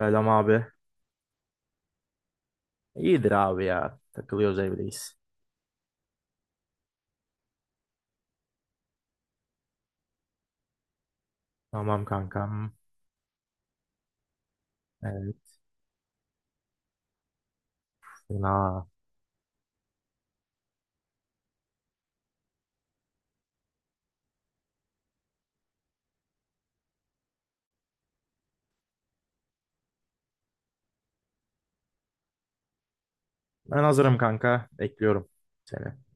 Selam abi. İyidir abi ya. Takılıyoruz evdeyiz. Tamam kankam. Evet. Fena. Ben hazırım kanka. Bekliyorum seni.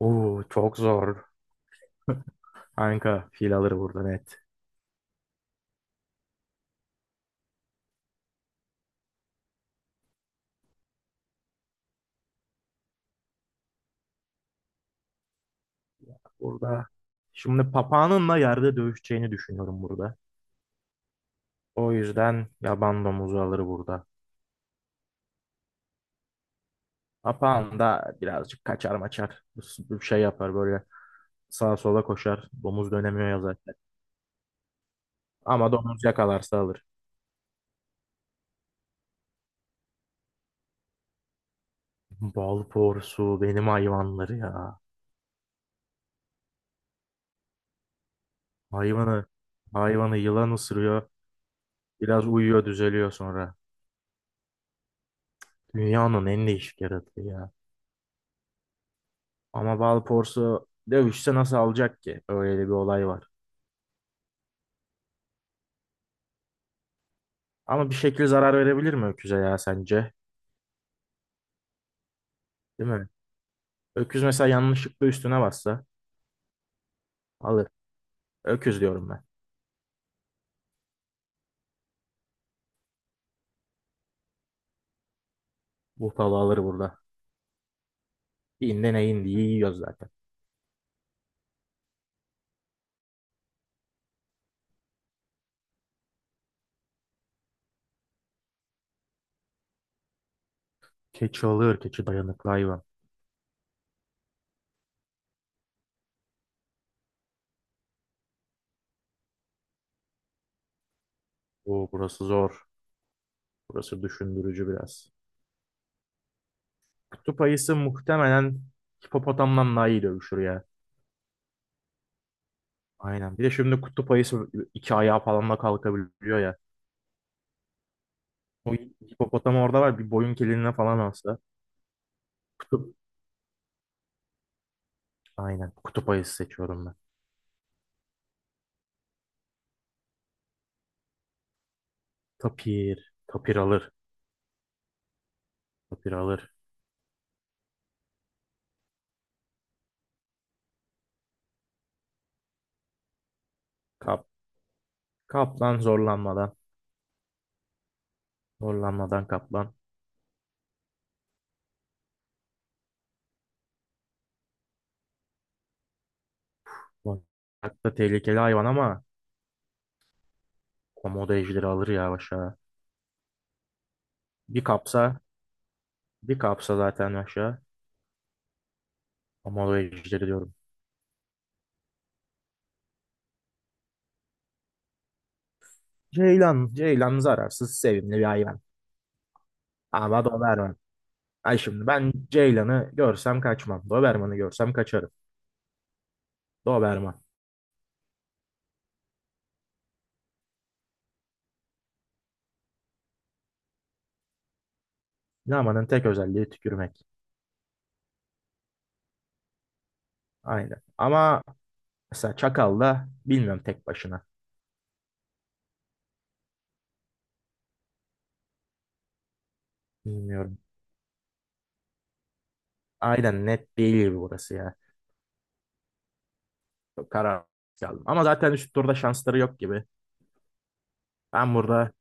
Oo, çok zor. Kanka fil alır burada, net. Burada. Şimdi papağanınla yerde dövüşeceğini düşünüyorum burada. O yüzden yaban domuzu alır burada. Papağan da birazcık kaçar maçar. Bir şey yapar böyle, sağa sola koşar. Domuz dönemiyor ya zaten. Ama domuz yakalarsa alır. Bal porsu benim hayvanları ya. Hayvanı, hayvanı yılan ısırıyor. Biraz uyuyor, düzeliyor sonra. Dünyanın en değişik yaratığı ya. Ama Balporsu dövüşse nasıl alacak ki? Öyle bir olay var. Ama bir şekilde zarar verebilir mi öküze ya sence? Değil mi? Öküz mesela yanlışlıkla üstüne bassa alır. Öküz diyorum ben. Buffalo alır burada. İğne neyin diye yiyoruz zaten. Keçi alır. Keçi dayanıklı hayvan. Oo, burası zor. Burası düşündürücü biraz. Kutup ayısı muhtemelen hipopotamdan daha iyi dövüşür ya. Aynen. Bir de şimdi kutup ayısı iki ayağı falan da kalkabiliyor ya. O hipopotam orada var. Bir boyun keliğine falan alsa. Kutup. Aynen. Kutup ayısı seçiyorum ben. Tapir. Tapir alır. Tapir alır. Kap. Kaplan zorlanmadan. Zorlanmadan kaplan. Hatta tehlikeli hayvan ama komodo ejderi alır ya aşağı. Bir kapsa. Bir kapsa zaten aşağı. Komodo ejderi diyorum. Ceylan. Ceylan zararsız, sevimli bir hayvan. Ama donar. Ay şimdi ben Ceylan'ı görsem kaçmam. Doberman'ı görsem kaçarım. Doberman. Lamanın tek özelliği tükürmek. Aynen. Ama mesela Çakal da bilmiyorum tek başına. Bilmiyorum. Aynen net değil gibi burası ya. Çok karar aldım. Ama zaten üst turda şansları yok gibi. Ben burada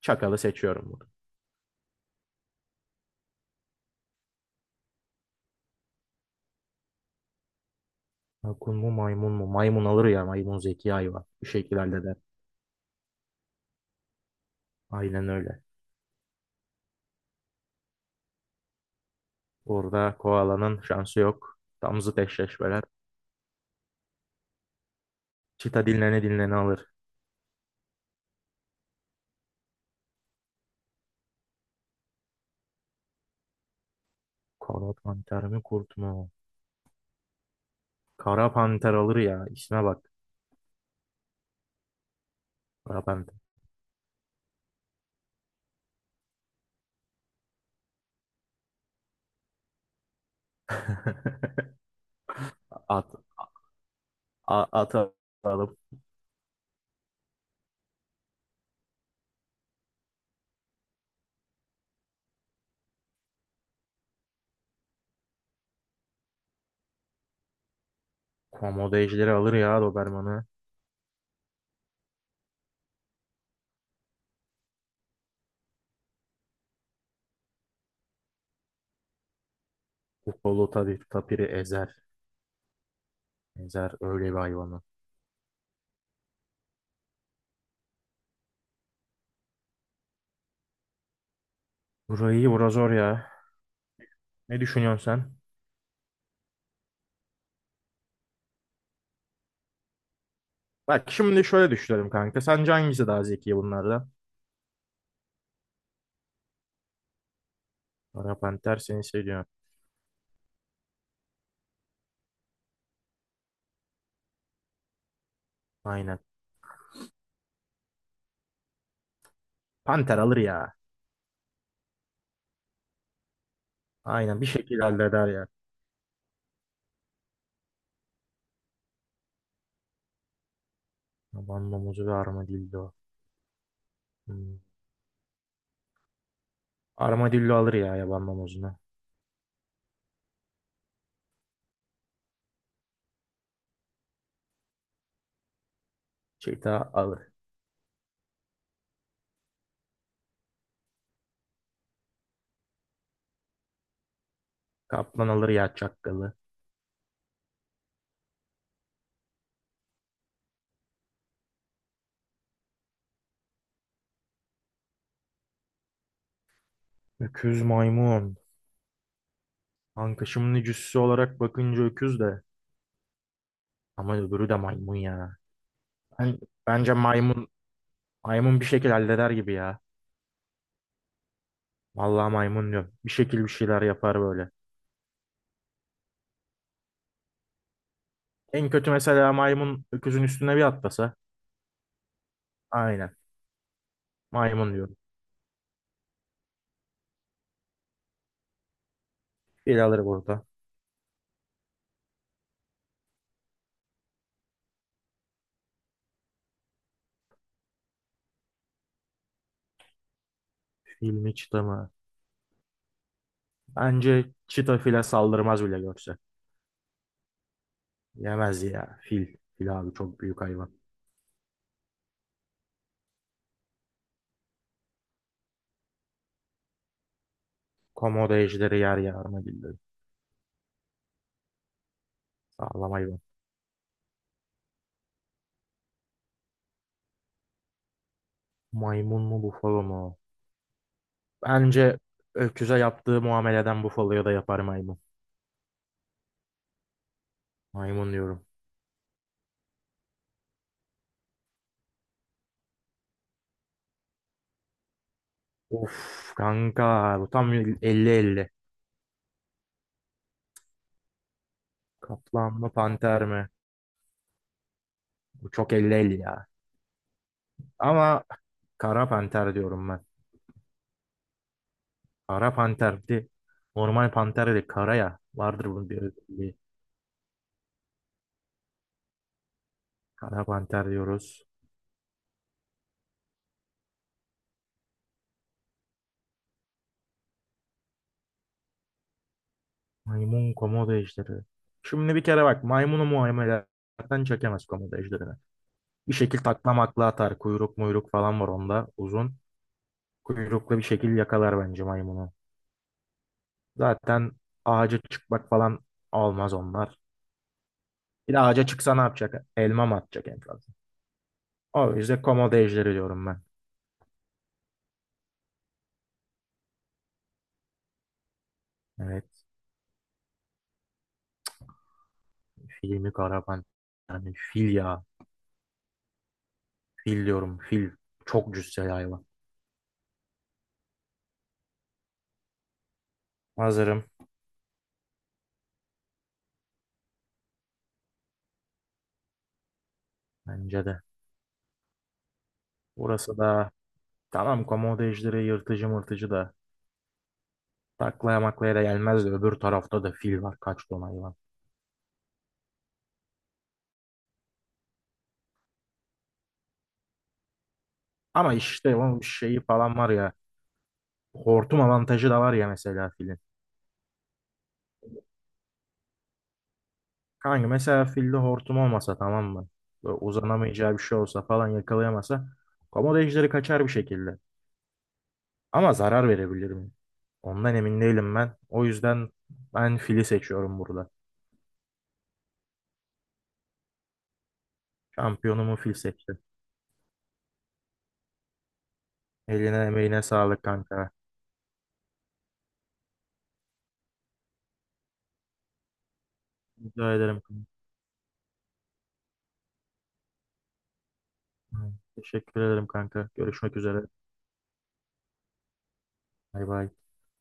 Çakal'ı seçiyorum burada. Akun mu maymun mu? Maymun alır ya. Maymun zeki hayvan. Bu şekilde halleder. Aynen öyle. Burada koalanın şansı yok. Tam zıt eşleşmeler. Çita dinlene dinlene alır. Kanat panter mi kurt mu? Kara panter alır ya. İsme bak. Kara panter. At, a, at alalım. Komodo ejderi alır ya Doberman'ı. Kupolu tabii tapiri ezer. Ezer öyle bir hayvanı. Burayı bura zor ya. Ne düşünüyorsun sen? Bak şimdi şöyle düşünelim kanka. Sence hangisi daha zeki bunlardan? Kara panter seni seviyor. Aynen. Panter alır ya. Aynen bir şekilde halleder ya. Yaban mamuzu ve armadillo. Hmm. Armadillo alır ya yaban mamuzunu. Çita alır. Kaplan alır ya çakkalı. Öküz maymun. Kanka şimdi cüssü olarak bakınca öküz de. Ama öbürü de maymun ya. Ben, bence maymun maymun bir şekilde halleder gibi ya. Vallahi maymun diyorum. Bir şekil bir şeyler yapar böyle. En kötü mesela maymun öküzün üstüne bir atlasa. Aynen. Maymun diyorum. Fil alır burada. Fil mi çita mı? Bence çita file saldırmaz bile görse. Yemez ya. Fil. Fil abi çok büyük hayvan. Komodo ejderi yer ya armadillo. Sağlam hayvan. Maymun mu bufalo mu? Bence öküze yaptığı muameleden Buffalo'ya da yapar maymun. Maymun diyorum. Of kanka bu tam 50-50. Kaplan mı panter mi? Bu çok 50-50 ya. Ama kara panter diyorum ben. Kara panter bir de normal panter değil kara ya. Vardır bunun bir özelliği. Kara panter diyoruz. Maymun komodo ejderi. Şimdi bir kere bak maymunu muameleden çekemez komodo ejderini. Bir şekil taklamakla atar. Kuyruk muyruk falan var onda uzun. Kuyruklu bir şekil yakalar bence maymunu. Zaten ağaca çıkmak falan olmaz onlar. Bir de ağaca çıksa ne yapacak? Elma mı atacak en fazla? O yüzden komodo ejderi diyorum ben. Evet. Filmi Karaman. Yani fil ya. Fil diyorum. Fil. Çok cüsseli hayvan. Hazırım. Bence de. Burası da tamam komodo ejderi yırtıcı mırtıcı da. Taklaya maklaya da gelmez de öbür tarafta da fil var. Kaç ton hayvan. Ama işte onun şeyi falan var ya. Hortum avantajı da var ya mesela filin. Kanka mesela filde hortum olmasa tamam mı? Böyle uzanamayacağı bir şey olsa falan yakalayamasa komodo ejderi kaçar bir şekilde. Ama zarar verebilir mi? Ondan emin değilim ben. O yüzden ben fili seçiyorum burada. Şampiyonumu fil seçtim. Eline emeğine sağlık kanka. Rica ederim kanka. Teşekkür ederim kanka. Görüşmek üzere. Bay bay.